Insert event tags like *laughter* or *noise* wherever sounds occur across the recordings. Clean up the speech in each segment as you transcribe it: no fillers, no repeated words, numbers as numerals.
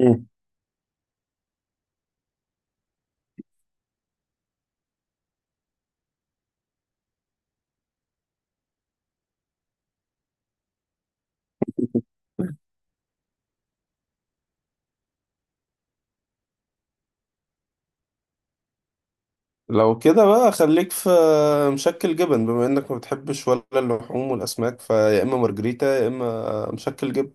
مم. لو كده بقى خليك في مشكل جبن، بما انك ما بتحبش ولا اللحوم والاسماك، فيا اما مارجريتا يا اما مشكل جبن.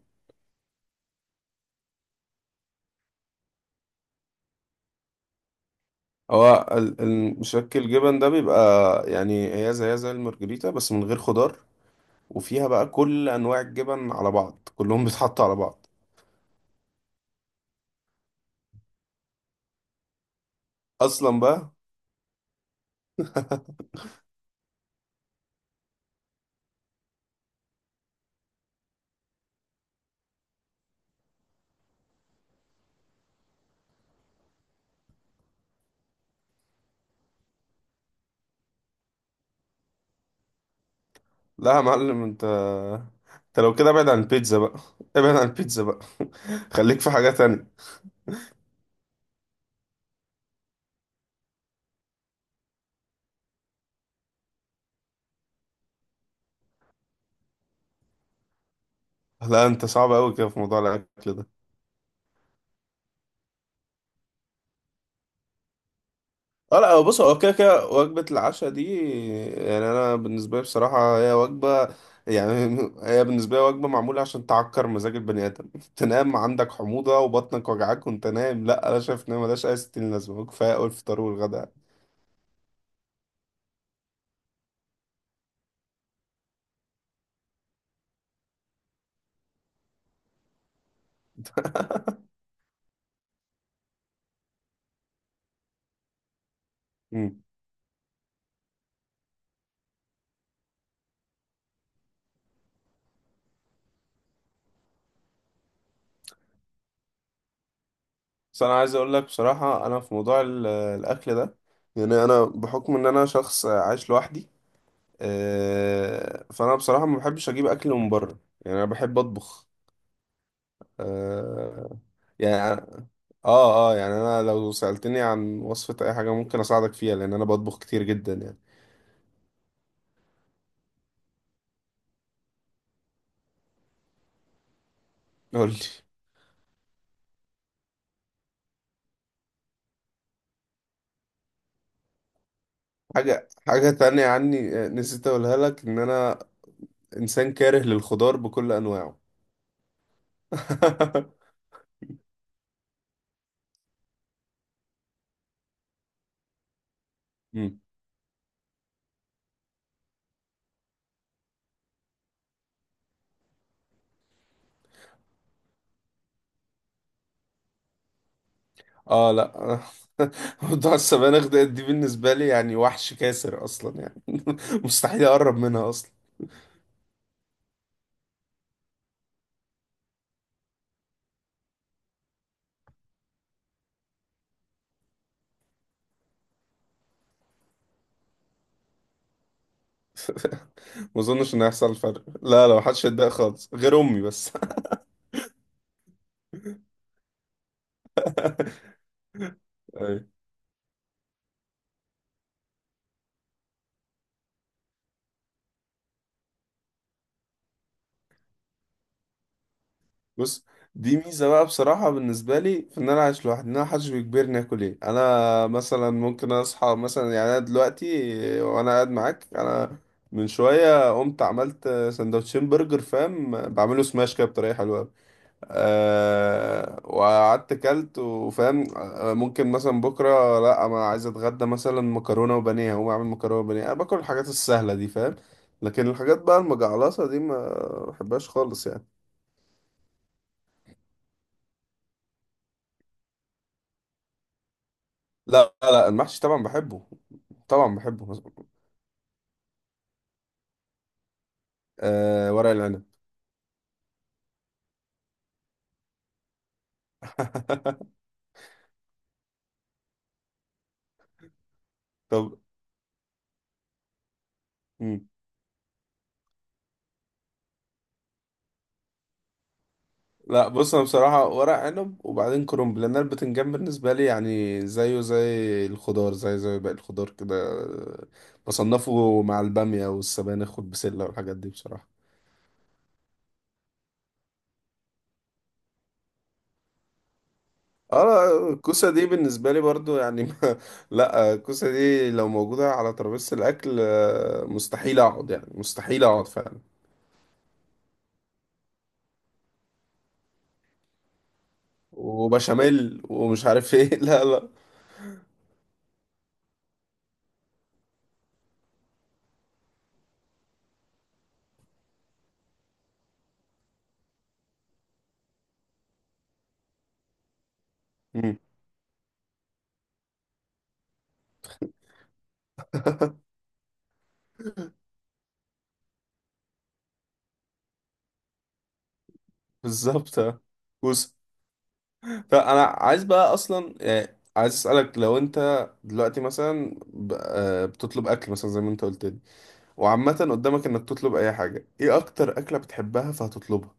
هو المشكل جبن ده بيبقى يعني هي زي المارجريتا بس من غير خضار، وفيها بقى كل انواع الجبن على بعض كلهم *laughs* بيتحطوا على بعض اصلا بقى. *laughs* لا يا معلم انت لو كده ابعد عن البيتزا بقى. ابعد عن البيتزا بقى *laughs* خليك في حاجة تانية. لا انت صعب قوي كده في موضوع الاكل ده. اه لا، بص هو كده كده وجبة العشاء دي، يعني انا بالنسبة لي بصراحة هي وجبة، يعني *laughs* هي بالنسبة لي وجبة معمولة عشان تعكر مزاج البني ادم *laughs* تنام عندك حموضة وبطنك وجعاك وانت نايم. لا انا شايف ان هي ملهاش اي ستين لازمة، كفاية اول الفطار والغداء. امم. بس انا عايز اقول لك بصراحة، انا في موضوع الاكل ده، يعني انا بحكم ان انا شخص عايش لوحدي، فانا بصراحة ما بحبش اجيب اكل من بره، يعني انا بحب اطبخ. آه يعني اه يعني انا لو سألتني عن وصفة اي حاجة ممكن اساعدك فيها، لان انا بطبخ كتير جدا يعني. قول لي حاجة تانية عني، نسيت اقولها لك، ان انا انسان كاره للخضار بكل انواعه. *laughs* مم. اه لا، *laughs* موضوع السبانخ ده، دي بالنسبة لي يعني وحش كاسر اصلا يعني، *laughs* مستحيل اقرب منها اصلا. *laughs* ما اظنش ان هيحصل فرق، لا لا، محدش هيتضايق خالص غير امي بس. *laughs* بص، دي ميزة بقى بصراحة بالنسبة لي، في إن أنا عايش لوحدي، إن أنا محدش بيجبرني آكل إيه. أنا مثلا ممكن أصحى مثلا، يعني أنا دلوقتي وأنا قاعد معاك، أنا من شوية قمت عملت سندوتشين برجر، فاهم، بعمله سماش كده بطريقة حلوة أوي. أه، وقعدت كلت وفاهم. ممكن مثلا بكرة لأ، أنا عايز أتغدى مثلا مكرونة وبانيه، هقوم أعمل مكرونة وبانيه. أنا باكل الحاجات السهلة دي فاهم، لكن الحاجات بقى المجعلصة دي ما بحبهاش خالص يعني. لا لا، المحشي طبعا بحبه، طبعا بحبه. آه، ورق العنب. *laughs* طب. مم. لا بص، انا بصراحه ورق عنب وبعدين كرنب، لان أنا البتنجان بالنسبه لي يعني زيه زي الخضار، زي باقي الخضار كده. آه، بصنفه مع الباميه والسبانخ والبسله والحاجات دي بصراحه. اه لا، الكوسه دي بالنسبه لي برضو يعني *laughs* ما، لا الكوسه دي لو موجوده على ترابيزه الاكل، مستحيل اقعد، يعني مستحيل اقعد فعلا، وبشاميل ومش عارف ايه. *laughs* لا لا. مم. *laughs* بالظبط آه. بص، فانا عايز بقى اصلا يعني عايز اسالك، لو انت دلوقتي مثلا بتطلب اكل مثلا زي ما انت قلت لي، وعامه قدامك انك تطلب اي حاجه، ايه اكتر اكله بتحبها فهتطلبها؟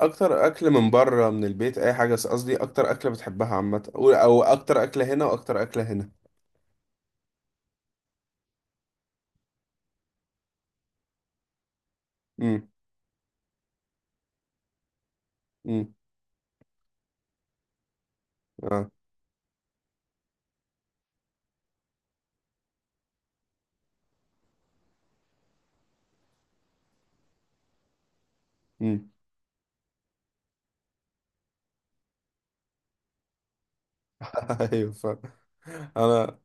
اكتر اكل من بره من البيت اي حاجه، بس قصدي اكتر اكله بتحبها عامه، او اكتر اكله هنا واكتر اكله هنا. امم. امم. اه. امم. *laughs* ايوه فاهم. انا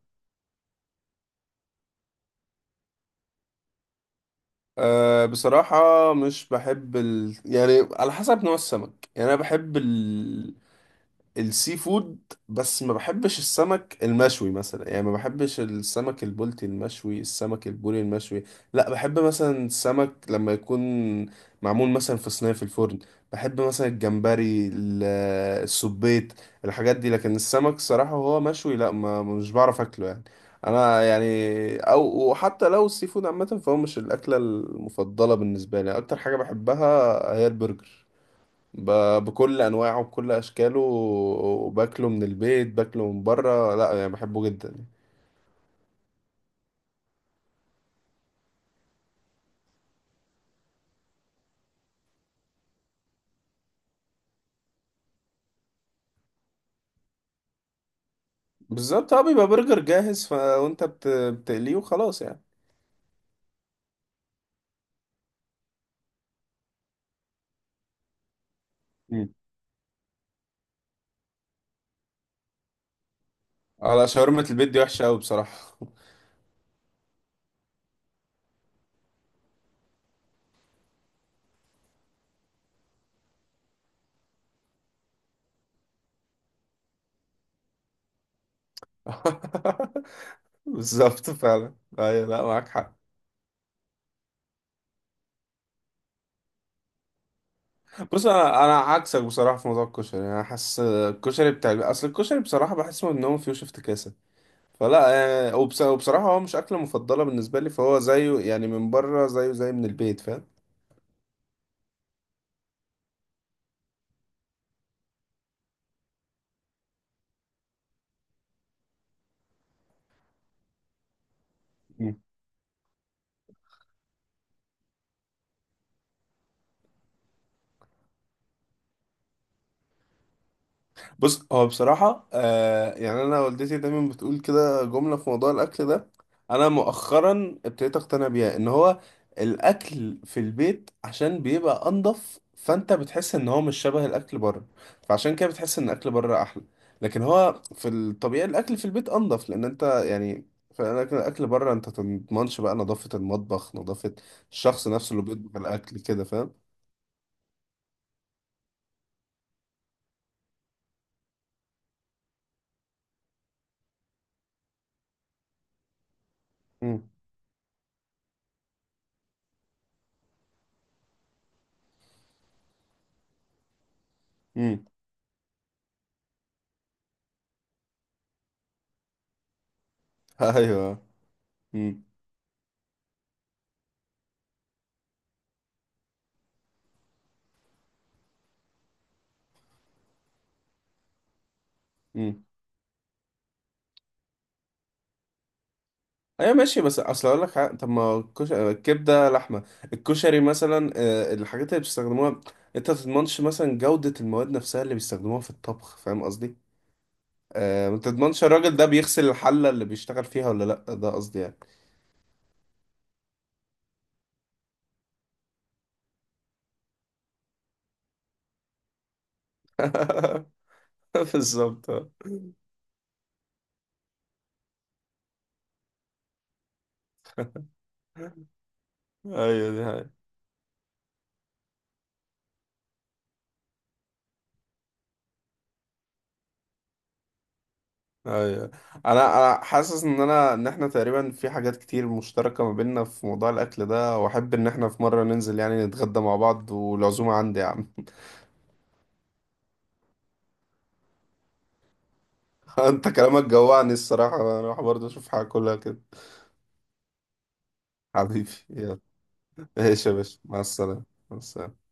أه بصراحة مش بحب يعني على حسب نوع السمك، يعني أنا بحب السي فود، بس ما بحبش السمك المشوي مثلا، يعني ما بحبش السمك البلطي المشوي، السمك البوري المشوي. لا بحب مثلا السمك لما يكون معمول مثلا في صينية في الفرن، بحب مثلا الجمبري، السبيط، الحاجات دي. لكن السمك صراحة وهو مشوي لا، ما مش بعرف اكله يعني. انا يعني او، وحتى لو السي فود عامة فهو مش الاكلة المفضلة بالنسبة لي. اكتر حاجة بحبها هي البرجر، بكل انواعه وبكل اشكاله، وباكله من البيت، باكله من بره، لا يعني بحبه جدا. بالظبط اه، بيبقى برجر جاهز وانت بتقليه وخلاص يعني. مم. على شاورما البيت دي وحشة أوي بصراحة. *laughs* بالظبط، فعلا أيوة، لا معاك حق. بص، أنا عكسك بصراحة في موضوع الكشري، أنا حاسس الكشري بتاع البيت، أصل الكشري بصراحة بحس إن هو فيه افتكاسة، فلا، يعني وبصراحة هو مش أكلة مفضلة بالنسبة لي، فهو زيه يعني من بره زيه زي من البيت فاهم. بص هو بصراحة يعني أنا والدتي دايما بتقول كده جملة في موضوع الأكل ده، أنا مؤخرا ابتديت أقتنع بيها، إن هو الأكل في البيت عشان بيبقى أنضف، فأنت بتحس إن هو مش شبه الأكل بره، فعشان كده بتحس إن الأكل بره أحلى، لكن هو في الطبيعي الأكل في البيت أنضف، لأن أنت يعني فالأكل بره أنت تضمنش بقى نظافة المطبخ، نظافة الشخص نفسه اللي بيطبخ الأكل كده فاهم؟ مم. مم. *laughs* أيوه. مم. مم. ايوه ماشي، بس اصل اقول لك حاجة، طب ما الكبده لحمه، الكشري مثلا، الحاجات اللي بيستخدموها انت ما تضمنش مثلا جوده المواد نفسها اللي بيستخدموها في الطبخ، فاهم قصدي. ما تضمنش الراجل ده بيغسل الحله اللي بيشتغل فيها ولا لا، ده قصدي يعني. *laughs* بالظبط آه. ايوه، دي حقيقة. ايوه، انا حاسس ان ان احنا تقريبا في حاجات كتير مشتركه ما بيننا في موضوع الاكل ده، واحب ان احنا في مره ننزل يعني نتغدى مع بعض، والعزومه عندي يا عم. *laughs* انت كلامك جوعني الصراحة، انا اروح برضه اشوف حاجة كلها كده. حبيبي يلا. ماشي يا باشا، مع السلامة. مع السلامة.